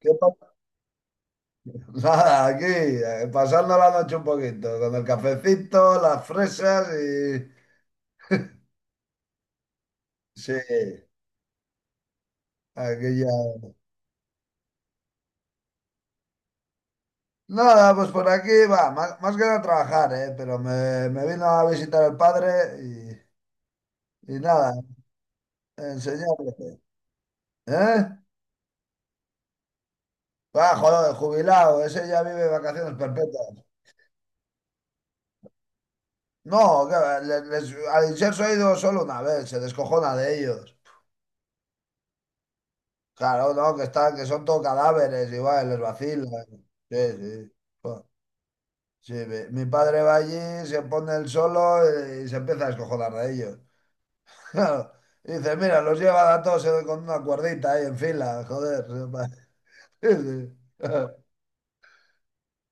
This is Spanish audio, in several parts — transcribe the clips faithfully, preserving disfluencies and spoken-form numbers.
¿Qué pasa? Nada, aquí, eh, pasando la noche un poquito, con el cafecito, las fresas y... Sí, aquí ya... Nada, pues por aquí va, más, más que nada trabajar, ¿eh? Pero me, me vino a visitar el padre y, y nada, enseñarle. ¿Eh? Ah, joder, jubilado, ese ya vive vacaciones perpetuas. No, que va, le- les, al inserso ha ido solo una vez, se descojona de ellos. Claro, no, que están, que son todo cadáveres, igual, les vacilan. Sí, sí. Sí, mi, mi padre va allí, se pone el solo, eh, y se empieza a escojonar de ellos. Claro. Y dice, mira, los lleva a todos, eh, con una cuerdita ahí en fila, joder. Sí, sí.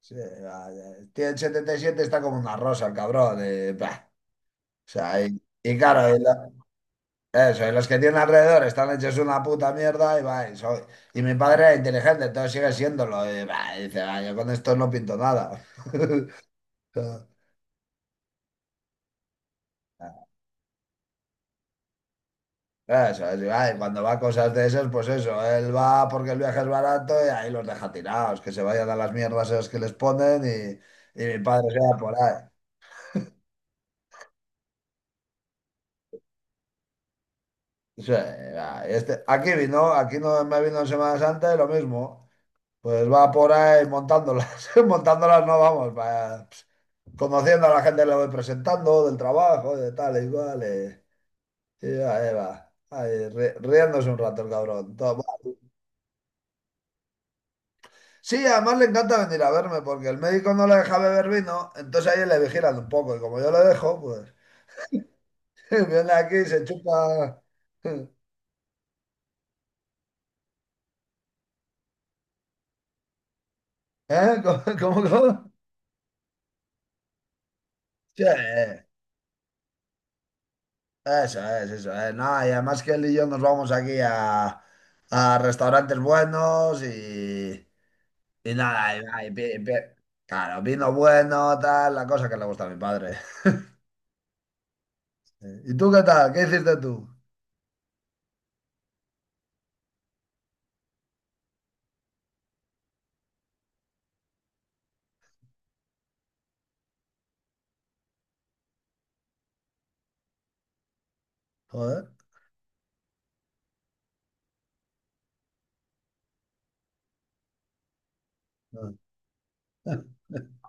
Sí, vaya. Tiene setenta y siete, está como una rosa el cabrón. eh, bah. O sea, y, y claro, y la- eso, y los que tienen alrededor están hechos una puta mierda y va, y, soy- y mi padre era inteligente, entonces sigue siéndolo. Y, bah, y dice, "Ah, yo con esto no pinto nada." Eso es, y cuando va a cosas de esas, pues eso, él va porque el viaje es barato y ahí los deja tirados, que se vayan a las mierdas esas que les ponen, y, y mi padre se va por ahí. Sí, va, este, aquí vino, aquí no me vino en Semana Santa y lo mismo, pues va por ahí montándolas, montándolas no, vamos, va, pues, conociendo a la gente que le voy presentando, del trabajo, de tal, igual, y, y, ahí va, ahí, ri- riéndose un rato el cabrón. Todo... Sí, además le encanta venir a verme porque el médico no le deja beber vino, entonces ahí le vigilan un poco y como yo lo dejo, pues viene aquí y se chupa. ¿Eh? ¿Cómo, cómo, cómo? Sí, eso es, eso es. No, y además que él y yo nos vamos aquí a, a restaurantes buenos, y, y nada, y, y pi- pi- claro, vino bueno, tal, la cosa que le gusta a mi padre. ¿Y tú qué tal? ¿Qué hiciste tú? Joder.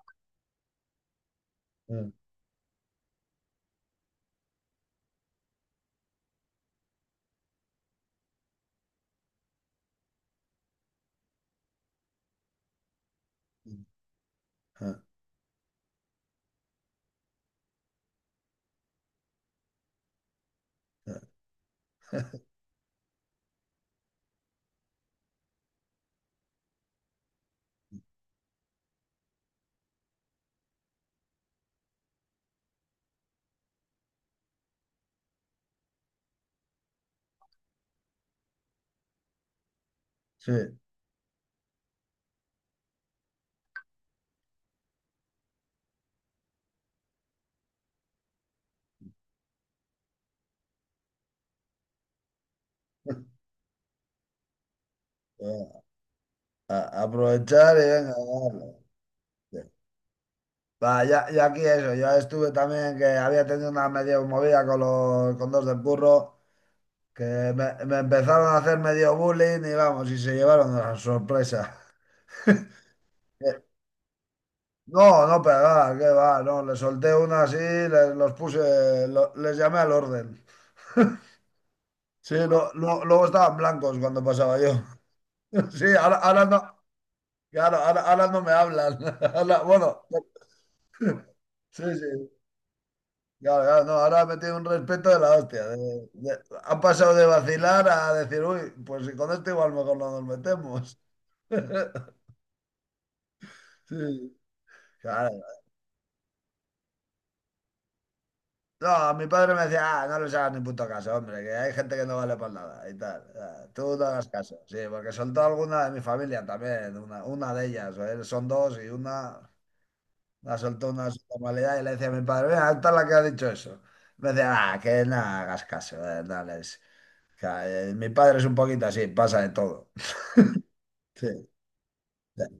Sí. A- aprovechar y venga, dale. Sí. Va, ya, ya aquí eso, yo estuve también que había tenido una medio movida con los con dos del burro, que me, me empezaron a hacer medio bullying y vamos, y se llevaron una sorpresa. Eh, No, no, pegar, que va, no, le solté una así, les, los puse, lo- les llamé al orden. Sí, lo- lo- luego estaban blancos cuando pasaba yo. Sí, ahora, ahora no, claro, ahora, ahora no me hablan. Ahora- bueno, sí, sí. Claro, claro, no, ahora ha metido un respeto de la hostia. de- de- han pasado de vacilar a decir, uy, pues si con esto igual mejor no nos metemos. Sí, claro. No, mi padre me decía, "Ah, no les hagas ni puto caso, hombre, que hay gente que no vale para nada y tal. Ah, Tú no hagas caso." Sí, porque soltó alguna de mi familia también, una, una de ellas, ¿eh? Son dos y una la soltó, una de su normalidad, y le decía a mi padre, mira, esta es la que ha dicho eso. Me decía, "Ah, que no hagas caso, eh, no les-". O, eh, mi padre es un poquito así, pasa de todo. Sí, sí.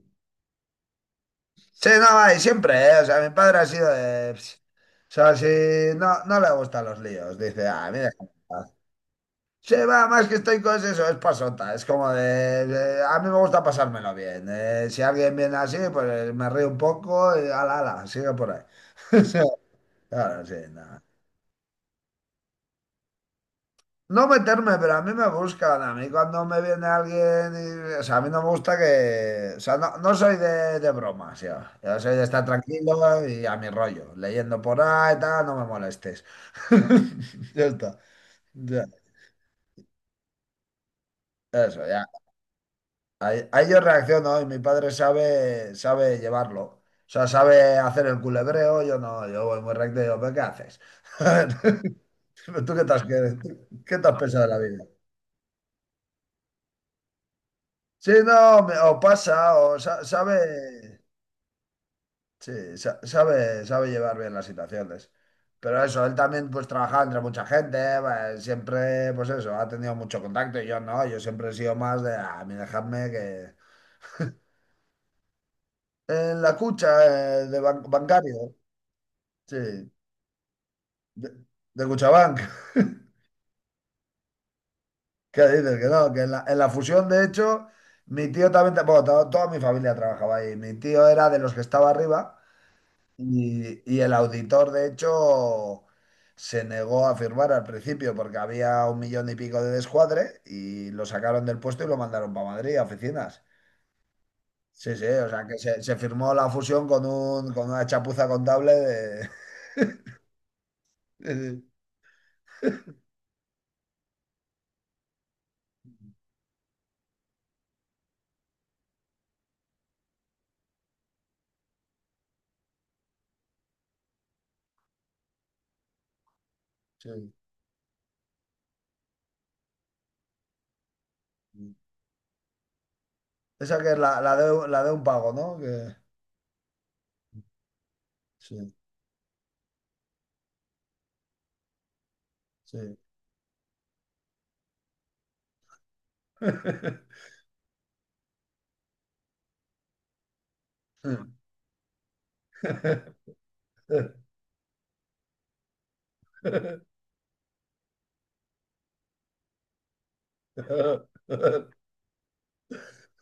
Sí, no, y siempre, ¿eh? O sea, mi padre ha sido de... "Ps". O sea, si no, no le gustan los líos, dice, ah, mira. Sí, va, más que estoy con eso, es pasota, es como de... de- a mí me gusta pasármelo bien. eh, si alguien viene así, pues, eh, me río un poco y ala, ala, sigue por ahí. Sí, claro, sí, no. No meterme, pero a mí me buscan. A mí cuando me viene alguien, y- o sea, a mí no me gusta que, o sea, no, no soy de, de, bromas ya. Yo soy de estar tranquilo y a mi rollo, leyendo por ahí, tal, no me molestes. Ya está. Ya, eso, ya. Ahí, ahí yo reacciono y mi padre sabe, sabe, llevarlo. O sea, sabe hacer el culebreo, yo no, yo voy muy recto y digo, "Pero ¿qué haces? ¿Tú qué te has, qué te has, pensado de la vida?" Sí, no, me- o pasa, o sa- sabe, sí, sa- sabe, sabe llevar bien las situaciones. Pero eso, él también pues trabajaba entre mucha gente, pues, siempre, pues eso, ha tenido mucho contacto, y yo no, yo siempre he sido más de, "Ah, a mí dejadme que..." En la cucha, eh, de ban- bancario, sí, de, de, Cuchabank. ¿Qué dices? Que no, que en la, en la fusión, de hecho, mi tío también, bueno, to- toda mi familia trabajaba ahí, mi tío era de los que estaba arriba. Y, y el auditor, de hecho, se negó a firmar al principio porque había un millón y pico de descuadre, y lo sacaron del puesto y lo mandaron para Madrid, a oficinas. Sí, sí, o sea que se, se firmó la fusión con un, con una chapuza contable de... Sí, sí, sí. Esa, que es la, la de, la de un pago, ¿no? Que... Sí, sí.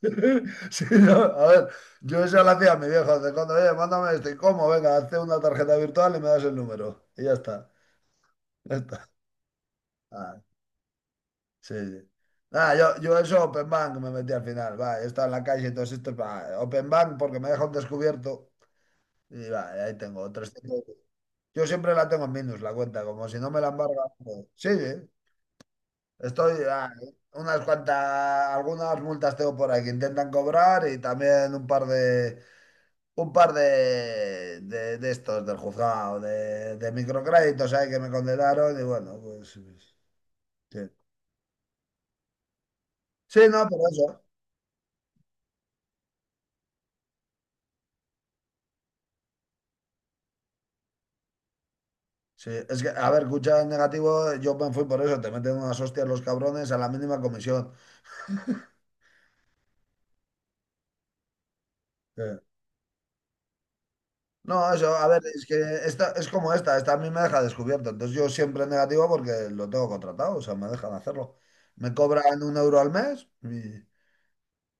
Sí, no, a ver, yo eso lo hacía a mi viejo, de cuando, oye, mándame esto, ¿y cómo? Venga, hazte una tarjeta virtual y me das el número. Y ya está, ya está. Ah, sí, sí. Nada, yo, yo eso, Open Bank, me metí al final, va, he estado en la calle y todo esto, va, Open Bank porque me deja un descubierto y va, ahí tengo trescientos. Yo siempre la tengo en minus la cuenta, como si no, me la embarga. Pues, sí, sí, estoy, ah, unas cuantas, algunas multas tengo por ahí que intentan cobrar, y también un par de un par de, de, de estos del juzgado, de, de microcréditos ahí que me condenaron, y bueno, pues pues, sí. Sí, no, pero eso. Sí, es que, a ver, escucha en negativo, yo me fui por eso, te meten unas hostias los cabrones a la mínima comisión. Sí. No, eso, a ver, es que esta es como esta, esta a mí me deja descubierto, entonces yo siempre en negativo porque lo tengo contratado, o sea, me dejan hacerlo. Me cobran un euro al mes, y,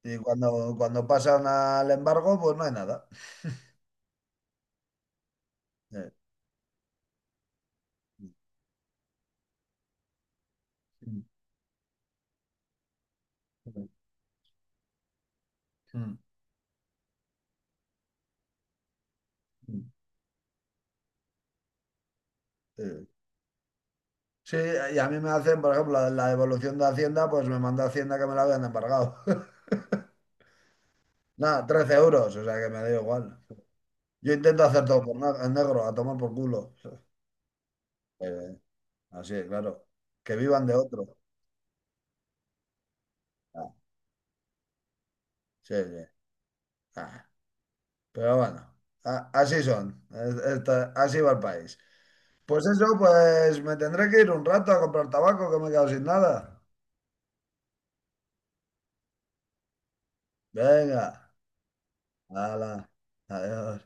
y cuando, cuando, pasan al embargo, pues no hay nada. Sí. Mm. Sí, sí, y a mí me hacen, por ejemplo, la, la devolución de Hacienda, pues me manda Hacienda que me la habían embargado. Nada, trece euros, o sea que me da igual. Yo intento hacer todo por na- en negro, a tomar por culo. Eh, así, claro. Que vivan de otro. Ah, sí, sí. Ah, pero bueno, a- así son. Es- esta- así va el país. Pues eso, pues me tendré que ir un rato a comprar tabaco, que me he quedado sin nada. Venga, hala. Adiós.